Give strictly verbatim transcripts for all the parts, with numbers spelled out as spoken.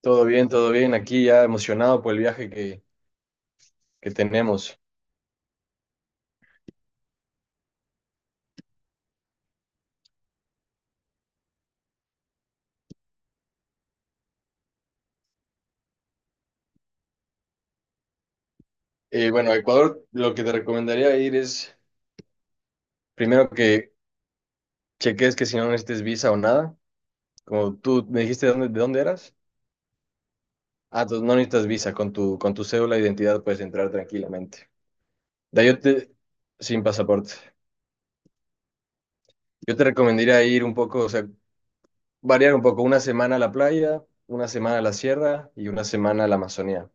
Todo bien, todo bien. Aquí ya emocionado por el viaje que, que tenemos. Eh, bueno, a Ecuador lo que te recomendaría ir es, primero que cheques que si no necesites visa o nada, como tú me dijiste de dónde, de dónde eras. Ah, entonces no necesitas visa, con tu, con tu cédula de identidad puedes entrar tranquilamente. De ahí yo te, sin pasaporte. Yo te recomendaría ir un poco, o sea, variar un poco, una semana a la playa, una semana a la sierra y una semana a la Amazonía,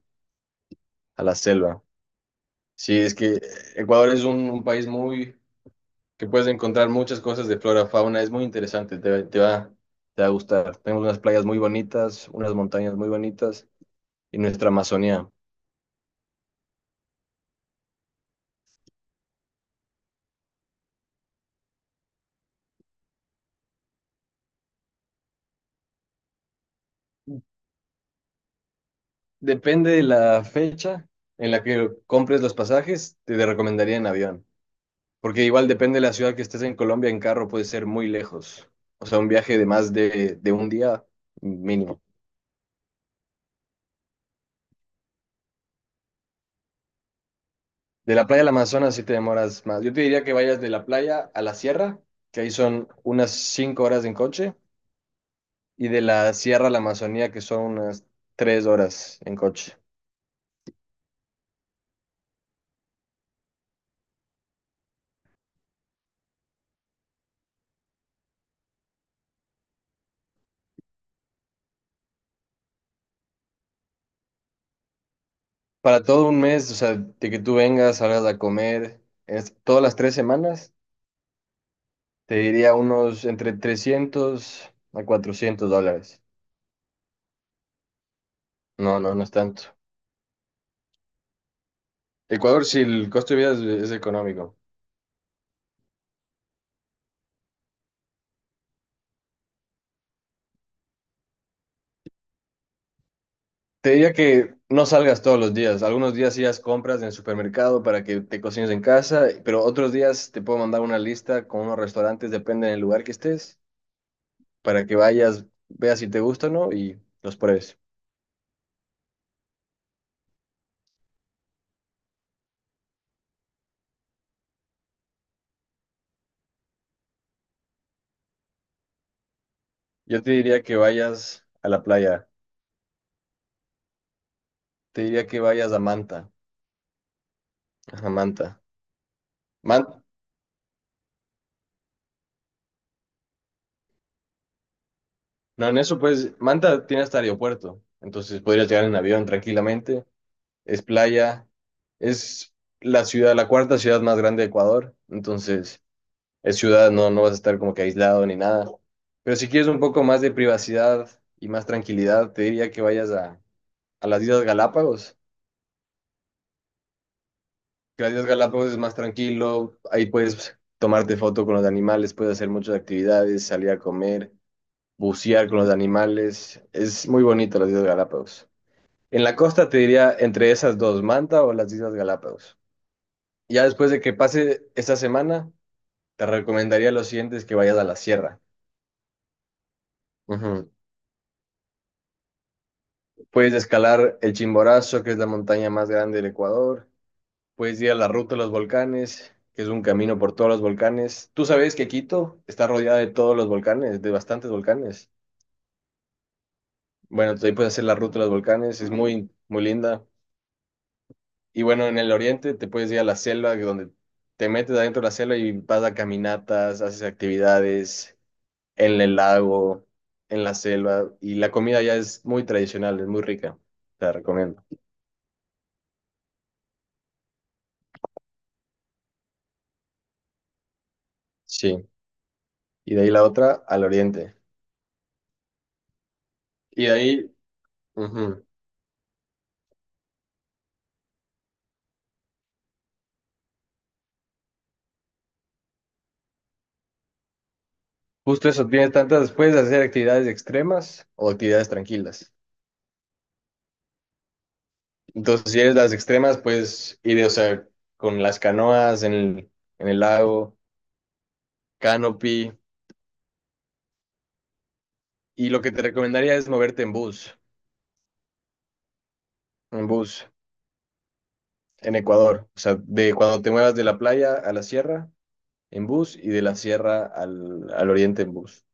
a la selva. Sí, es que Ecuador es un un país muy que puedes encontrar muchas cosas de flora, fauna, es muy interesante, te, va- te va, te va a gustar. Tenemos unas playas muy bonitas, unas montañas muy bonitas y nuestra Amazonía. Depende de la fecha en la que compres los pasajes, te, te recomendaría en avión, porque igual depende de la ciudad que estés en Colombia, en carro puede ser muy lejos, o sea, un viaje de más de, de un día mínimo. De la playa al Amazonas sí te demoras más. Yo te diría que vayas de la playa a la sierra, que ahí son unas cinco horas en coche y de la Sierra a la Amazonía, que son unas tres horas en coche. Para todo un mes, o sea, de que tú vengas, salgas a comer, es- todas las tres semanas, te diría unos entre trescientos a cuatrocientos dólares. No, no, no es tanto. Ecuador, si el costo de vida es, es económico. Te diría que no salgas todos los días. Algunos días sí haz compras en el supermercado para que te cocines en casa, pero otros días te puedo mandar una lista con unos restaurantes, depende del lugar que estés para que vayas, veas si te gusta o no y los pruebes. Yo te diría que vayas a la playa, te diría que vayas a Manta, a Manta. Man- no, en eso pues, Manta tiene hasta aeropuerto, entonces podrías llegar en avión tranquilamente, es playa, es la ciudad, la cuarta ciudad más grande de Ecuador, entonces es ciudad, no, no vas a estar como que aislado ni nada. Pero si quieres un poco más de privacidad y más tranquilidad, te diría que vayas a, a las Islas Galápagos. Gracias Galápagos es más tranquilo, ahí puedes tomarte foto con los animales, puedes hacer muchas actividades, salir a comer, bucear con los animales, es muy bonito las Islas Galápagos. En la costa te diría entre esas dos, Manta o las Islas Galápagos. Ya después de que pase esta semana, te recomendaría lo siguiente es que vayas a la sierra. Ujú. Puedes escalar el Chimborazo, que es la montaña más grande del Ecuador. Puedes ir a la ruta de los volcanes, que es un camino por todos los volcanes. Tú sabes que Quito está rodeada de todos los volcanes, de bastantes volcanes. Bueno, entonces ahí puedes hacer la ruta de los volcanes, es muy, muy linda. Y bueno, en el oriente te puedes ir a la selva, que donde te metes adentro de la selva y vas a caminatas, haces actividades en el lago, en la selva. Y la comida ya es muy tradicional, es muy rica. Te la recomiendo. Sí. Y de ahí la otra, al oriente. Y de ahí... ujú. Justo eso, tienes tantas, puedes hacer actividades extremas o actividades tranquilas. Entonces, si eres las extremas, puedes ir, o sea, con las canoas en el, en el lago, canopy. Y lo que te recomendaría es moverte en bus, en bus, en Ecuador. O sea, de cuando te muevas de la playa a la sierra, en bus, y de la sierra al, al oriente en bus.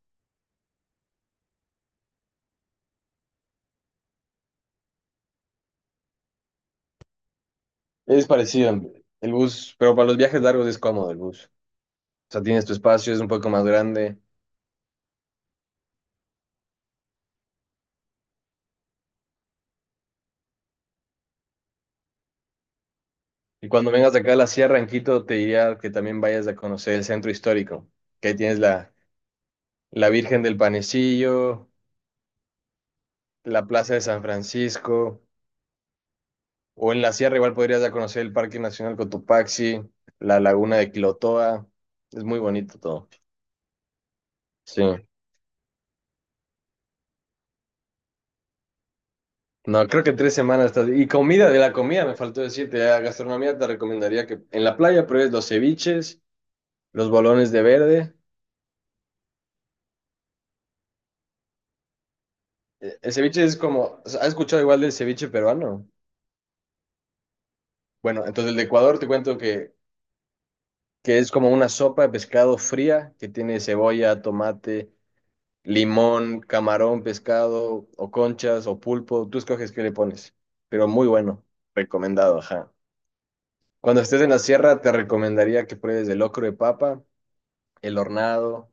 Es parecido, el bus, pero para los viajes largos es cómodo el bus. O sea, tienes tu espacio, es un poco más grande. Y cuando vengas de acá a la sierra, en Quito, te diría que también vayas a conocer el centro histórico, que ahí tienes la, la Virgen del Panecillo, la Plaza de San Francisco, o en la sierra igual podrías ya conocer el Parque Nacional Cotopaxi, la Laguna de Quilotoa, es muy bonito todo. Sí. No, creo que tres semanas estás... Y comida, de la comida me faltó decirte, la gastronomía te recomendaría que en la playa pruebes los ceviches, los bolones de verde. Eh, El ceviche es como, ¿has escuchado igual del ceviche peruano? Bueno, entonces el de Ecuador te cuento que, que es como una sopa de pescado fría que tiene cebolla, tomate, limón, camarón, pescado o conchas o pulpo. Tú escoges qué le pones, pero muy bueno, recomendado, ajá. Cuando estés en la sierra te recomendaría que pruebes el locro de papa, el hornado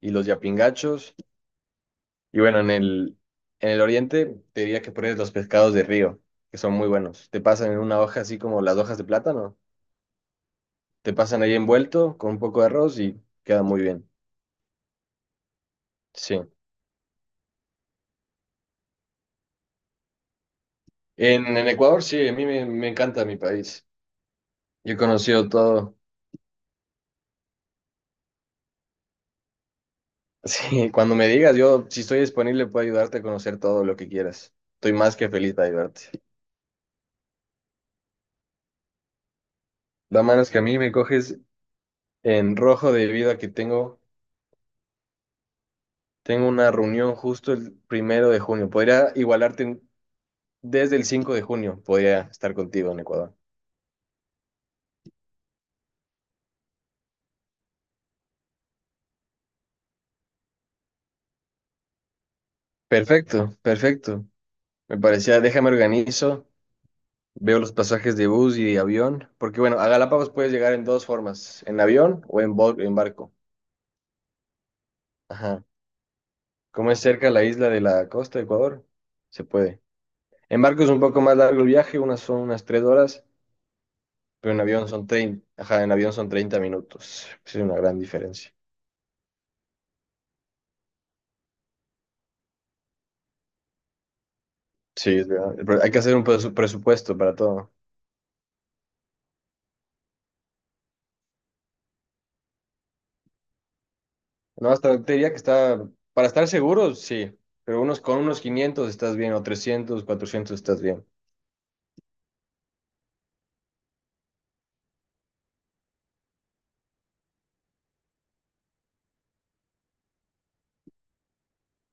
y los yapingachos. Y bueno, en el, en el oriente te diría que pruebes los pescados de río, que son muy buenos. Te pasan en una hoja así como las hojas de plátano te pasan ahí envuelto con un poco de arroz y queda muy bien. Sí. En, en Ecuador, sí, a mí me, me encanta mi país. Yo he conocido todo. Sí, cuando me digas, yo si estoy disponible puedo ayudarte a conocer todo lo que quieras. Estoy más que feliz de ayudarte. La mano es que a mí me coges en rojo debido a que tengo, tengo una reunión justo el primero de junio. Podría igualarte en- desde el cinco de junio, podría estar contigo en Ecuador. Perfecto, perfecto. Me parecía, déjame organizo. Veo los pasajes de bus y de avión, porque bueno, a Galápagos puedes llegar en dos formas, en avión o en, bo- en barco. Ajá. Como es cerca la isla de la costa de Ecuador, se puede. En barco es un poco más largo el viaje, unas son unas tres horas, pero en avión son treinta ajá, en avión son treinta minutos. Sí, es una gran diferencia. Sí, es verdad. Pero hay que hacer un presu- presupuesto para todo. No, hasta te diría que está, para estar seguros, sí, pero unos con unos quinientos estás bien, o trescientos cuatrocientos estás bien.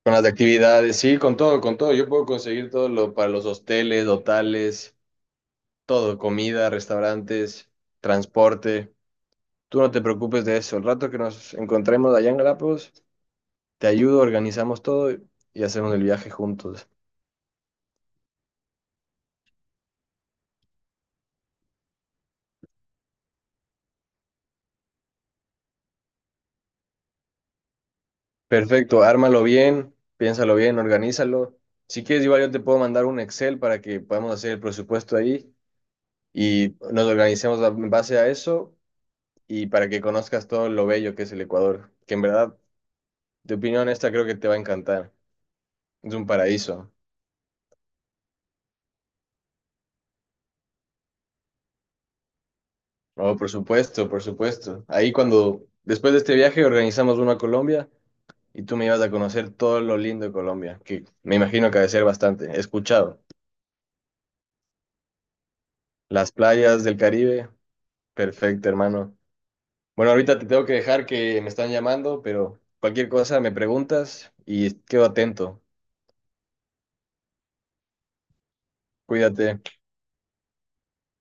Con las actividades, sí, con todo, con todo. Yo puedo conseguir todo lo para los hosteles, hotales, todo, comida, restaurantes, transporte. Tú no te preocupes de eso. El rato que nos encontremos allá en Galápagos, te ayudo, organizamos todo y hacemos el viaje juntos. Perfecto, ármalo bien, piénsalo bien, organízalo. Si quieres, igual yo te puedo mandar un Excel para que podamos hacer el presupuesto ahí y nos organicemos en base a eso y para que conozcas todo lo bello que es el Ecuador, que en verdad de opinión esta creo que te va a encantar. Es un paraíso. Oh, por supuesto, por supuesto. Ahí cuando, después de este viaje, organizamos uno a Colombia y tú me ibas a conocer todo lo lindo de Colombia, que me imagino que ha de ser bastante. He escuchado. Las playas del Caribe, perfecto, hermano. Bueno, ahorita te tengo que dejar que me están llamando, pero cualquier cosa me preguntas y quedo atento. Cuídate.